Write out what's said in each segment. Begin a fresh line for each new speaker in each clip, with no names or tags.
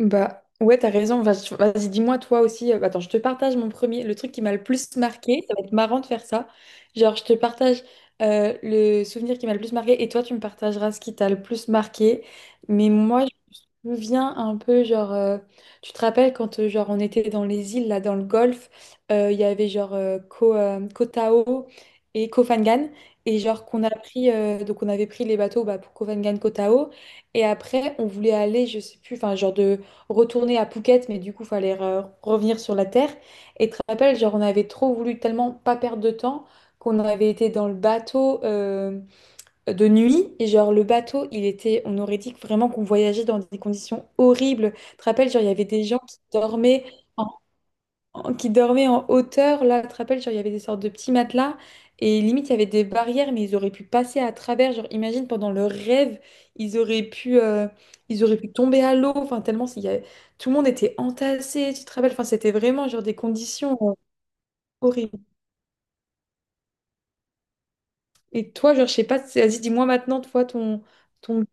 Bah ouais, t'as raison. Vas-y, dis-moi toi aussi. Attends, je te partage mon premier, le truc qui m'a le plus marqué. Ça va être marrant de faire ça. Genre, je te partage le souvenir qui m'a le plus marqué, et toi, tu me partageras ce qui t'a le plus marqué. Mais moi, me vient un peu genre tu te rappelles quand genre on était dans les îles là, dans le Golfe, il y avait genre Koh Tao et Koh Phangan, et genre qu'on a pris donc on avait pris les bateaux bah, pour Koh Phangan Koh Tao, et après on voulait aller je sais plus enfin genre de retourner à Phuket, mais du coup fallait revenir sur la terre. Et tu te rappelles, genre on avait trop voulu tellement pas perdre de temps qu'on avait été dans le bateau de nuit, et genre le bateau il était, on aurait dit que vraiment qu'on voyageait dans des conditions horribles. Tu te rappelles, genre il y avait des gens qui dormaient en, qui dormaient en hauteur là. Tu te rappelles, genre il y avait des sortes de petits matelas, et limite il y avait des barrières, mais ils auraient pu passer à travers, genre imagine pendant leur rêve, ils auraient pu euh, ils auraient pu tomber à l'eau, enfin tellement tout le monde était entassé. Tu te rappelles, enfin c'était vraiment genre des conditions horribles. Et toi, genre je sais pas, vas-y, dis-moi maintenant toi ton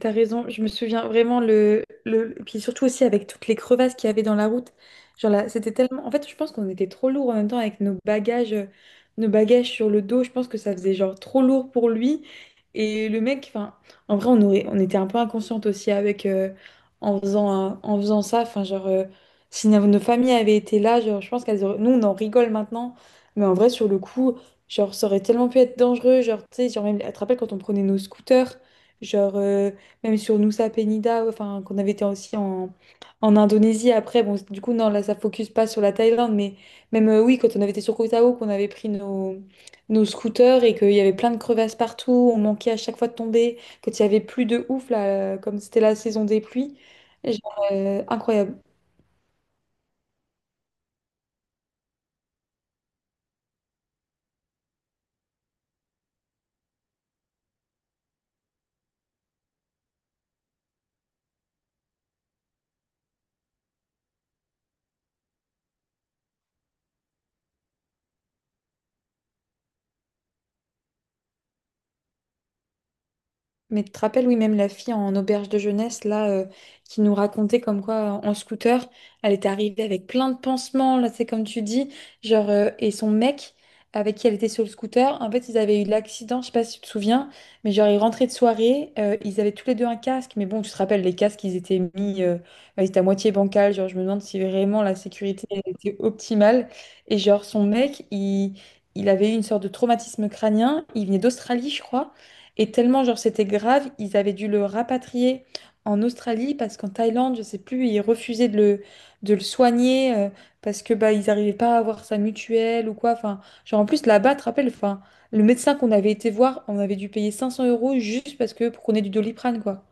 T'as raison, je me souviens vraiment le, le… Puis surtout aussi avec toutes les crevasses qu'il y avait dans la route. Genre là, c'était tellement… En fait, je pense qu'on était trop lourd en même temps avec nos bagages sur le dos. Je pense que ça faisait genre trop lourd pour lui. Et le mec, enfin, en vrai, on aurait… on était un peu inconsciente aussi avec… en faisant, en faisant ça, enfin, genre… si nos nos familles avaient été là, genre, je pense qu'elles auraient… Nous, on en rigole maintenant. Mais en vrai, sur le coup, genre, ça aurait tellement pu être dangereux. Genre, tu sais, genre, même… Tu te rappelles quand on prenait nos scooters, genre… même sur Nusa Penida, enfin, qu'on avait été aussi en, en Indonésie. Après, bon, du coup, non, là, ça focus pas sur la Thaïlande, mais même, oui, quand on avait été sur Koh Tao, qu'on avait pris nos, nos scooters, et qu'il y avait plein de crevasses partout, on manquait à chaque fois de tomber, quand il y avait plus de ouf, là, comme c'était la saison des pluies. Genre, incroyable. Mais tu te rappelles, oui, même la fille en auberge de jeunesse, là, qui nous racontait comme quoi, en scooter, elle était arrivée avec plein de pansements, là, c'est comme tu dis, genre, et son mec, avec qui elle était sur le scooter, en fait, ils avaient eu de l'accident, je sais pas si tu te souviens, mais genre, ils rentraient de soirée, ils avaient tous les deux un casque, mais bon, tu te rappelles, les casques, ils étaient mis, bah, ils étaient à moitié bancal, genre, je me demande si vraiment la sécurité elle était optimale, et genre, son mec, il… Il avait eu une sorte de traumatisme crânien. Il venait d'Australie, je crois. Et tellement, genre, c'était grave, ils avaient dû le rapatrier en Australie parce qu'en Thaïlande, je sais plus, ils refusaient de le soigner parce que bah, ils n'arrivaient pas à avoir sa mutuelle ou quoi. Enfin, genre, en plus, là-bas, tu te rappelles, enfin, le médecin qu'on avait été voir, on avait dû payer 500 euros juste parce que pour qu'on ait du Doliprane, quoi.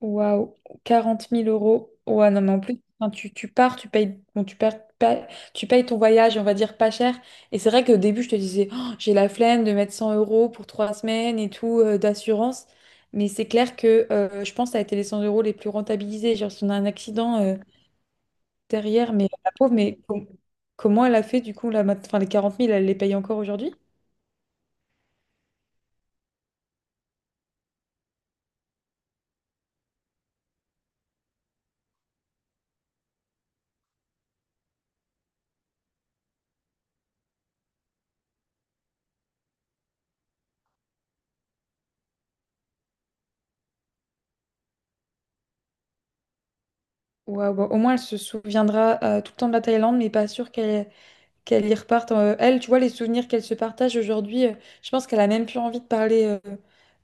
Waouh, 40 000 euros. Ouais, non, mais en plus, quand tu pars, tu payes, bon, tu payes ton voyage, on va dire pas cher. Et c'est vrai qu'au début, je te disais, « Oh, j'ai la flemme de mettre 100 euros pour 3 semaines et tout d'assurance. » Mais c'est clair que je pense que ça a été les 100 euros les plus rentabilisés. Genre, si on a un accident derrière, mais la pauvre, mais comment elle a fait du coup, là, enfin, les 40 000, elle les paye encore aujourd'hui? Waouh, bah, au moins, elle se souviendra tout le temps de la Thaïlande, mais pas sûr qu'elle y reparte. Elle, tu vois, les souvenirs qu'elle se partage aujourd'hui, je pense qu'elle a même plus envie de parler,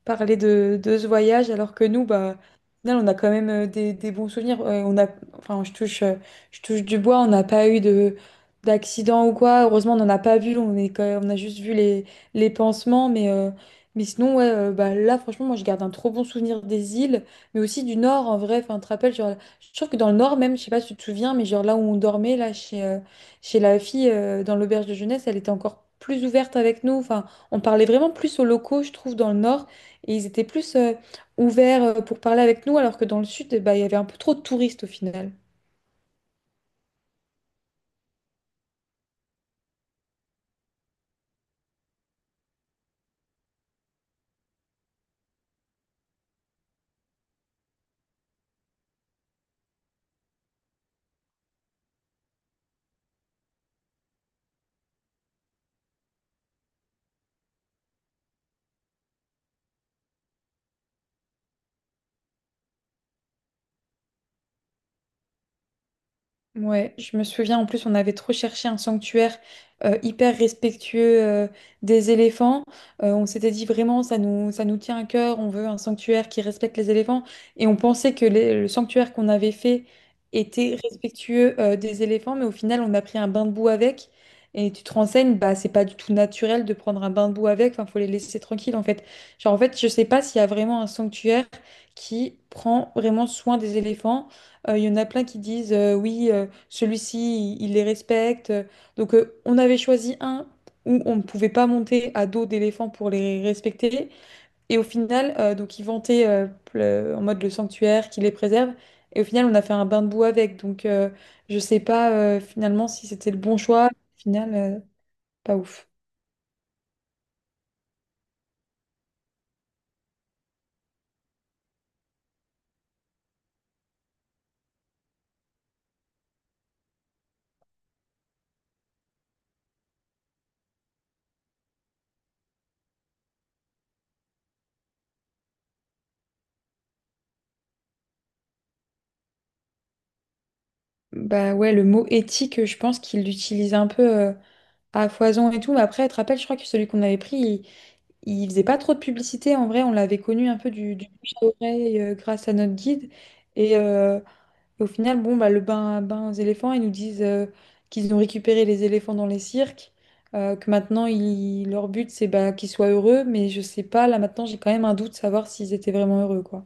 parler de ce voyage, alors que nous, bah, au final, on a quand même des bons souvenirs. On a, enfin, je touche du bois, on n'a pas eu de d'accident ou quoi. Heureusement, on n'en a pas vu. On est quand on a juste vu les pansements, mais mais sinon, ouais, bah là, franchement, moi, je garde un trop bon souvenir des îles, mais aussi du Nord, en vrai. Enfin, tu te rappelles, genre, je trouve que dans le Nord, même, je sais pas si tu te souviens, mais genre là où on dormait, là, chez, chez la fille, dans l'auberge de jeunesse, elle était encore plus ouverte avec nous. Enfin, on parlait vraiment plus aux locaux, je trouve, dans le nord. Et ils étaient plus ouverts pour parler avec nous, alors que dans le sud, eh ben, il y avait un peu trop de touristes au final. Ouais, je me souviens, en plus on avait trop cherché un sanctuaire hyper respectueux des éléphants. On s'était dit vraiment ça nous tient à cœur, on veut un sanctuaire qui respecte les éléphants. Et on pensait que le sanctuaire qu'on avait fait était respectueux des éléphants, mais au final on a pris un bain de boue avec. Et tu te renseignes, bah c'est pas du tout naturel de prendre un bain de boue avec, enfin faut les laisser tranquilles en fait. Genre en fait je sais pas s'il y a vraiment un sanctuaire qui prend vraiment soin des éléphants. Il y en a plein qui disent oui, celui-ci, il les respecte. Donc, on avait choisi un où on ne pouvait pas monter à dos d'éléphant pour les respecter. Et au final, donc, ils vantaient en mode le sanctuaire qui les préserve. Et au final, on a fait un bain de boue avec. Donc, je sais pas finalement si c'était le bon choix. Au final, pas ouf. Bah ouais, le mot éthique, je pense qu'il l'utilisait un peu à foison et tout. Mais après, tu te rappelles, je crois que celui qu'on avait pris, il faisait pas trop de publicité, en vrai, on l'avait connu un peu du bouche à oreille grâce à notre guide. Et au final, bon, bah, le bain aux éléphants, ils nous disent qu'ils ont récupéré les éléphants dans les cirques, que maintenant leur but c'est bah, qu'ils soient heureux, mais je sais pas, là maintenant j'ai quand même un doute de savoir s'ils étaient vraiment heureux, quoi.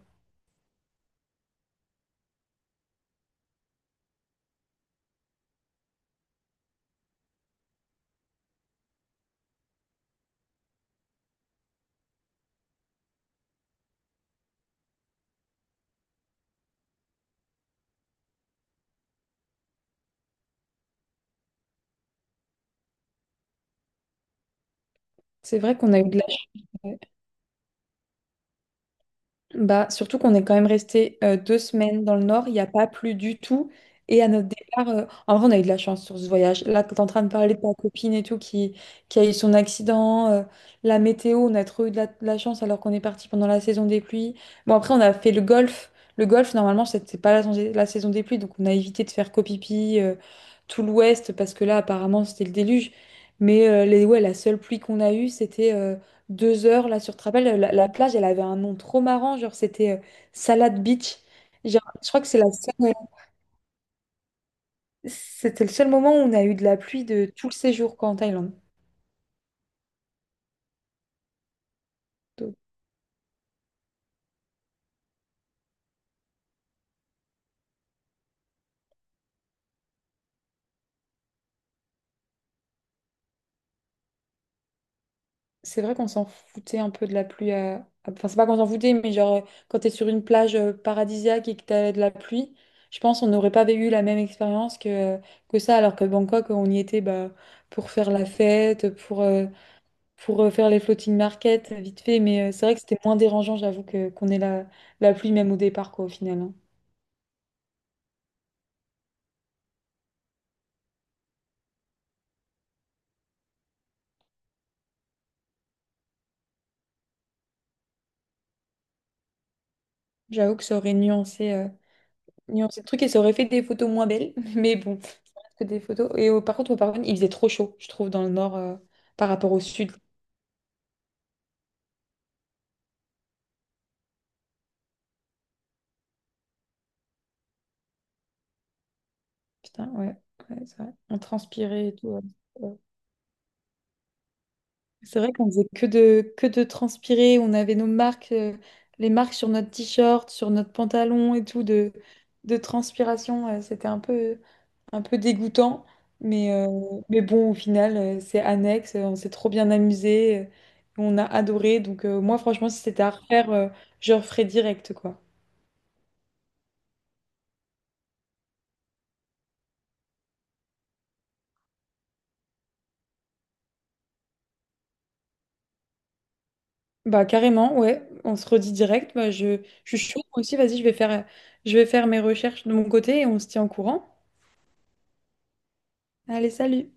C'est vrai qu'on a eu de la chance. Bah, surtout qu'on est quand même resté 2 semaines dans le nord, il n'y a pas plu du tout. Et à notre départ, en vrai, on a eu de la chance sur ce voyage. Là, tu es en train de parler de ta copine et tout qui a eu son accident, la météo, on a trop eu de la chance alors qu'on est parti pendant la saison des pluies. Bon, après, on a fait le golf. Le golf, normalement, c'était pas la, saison des pluies, donc on a évité de faire copipi tout l'ouest parce que là, apparemment, c'était le déluge. Mais les, ouais, la seule pluie qu'on a eue, c'était. 2 heures là sur, tu te rappelles, la plage elle avait un nom trop marrant, genre c'était Salad Beach. Genre, je crois que c'est la c'était le seul moment où on a eu de la pluie de tout le séjour, quoi, en Thaïlande. Donc, c'est vrai qu'on s'en foutait un peu de la pluie enfin c'est pas qu'on s'en foutait, mais genre quand t'es sur une plage paradisiaque et que t'as de la pluie, je pense qu'on n'aurait pas eu la même expérience que ça, alors que Bangkok on y était bah pour faire la fête, pour faire les floating market vite fait, mais c'est vrai que c'était moins dérangeant, j'avoue, que qu'on ait la, la pluie même au départ, quoi, au final, hein. J'avoue que ça aurait nuancé, nuancé le truc et ça aurait fait des photos moins belles, mais bon, que des photos. Et par contre, au Paraguay, il faisait trop chaud, je trouve, dans le nord par rapport au sud. Putain, ouais, ouais, c'est vrai. On transpirait et tout, ouais. Ouais. C'est vrai qu'on faisait que de transpirer, on avait nos marques, les marques sur notre t-shirt, sur notre pantalon et tout, de transpiration, c'était un peu. Un peu dégoûtant, mais, euh, mais bon, au final, c'est annexe, on s'est trop bien amusé, on a adoré, donc moi, franchement, si c'était à refaire, je referais direct, quoi. Bah, carrément, ouais, on se redit direct, bah, je suis chaude, moi aussi, vas-y, je vais je vais faire mes recherches de mon côté et on se tient au courant. Allez, salut!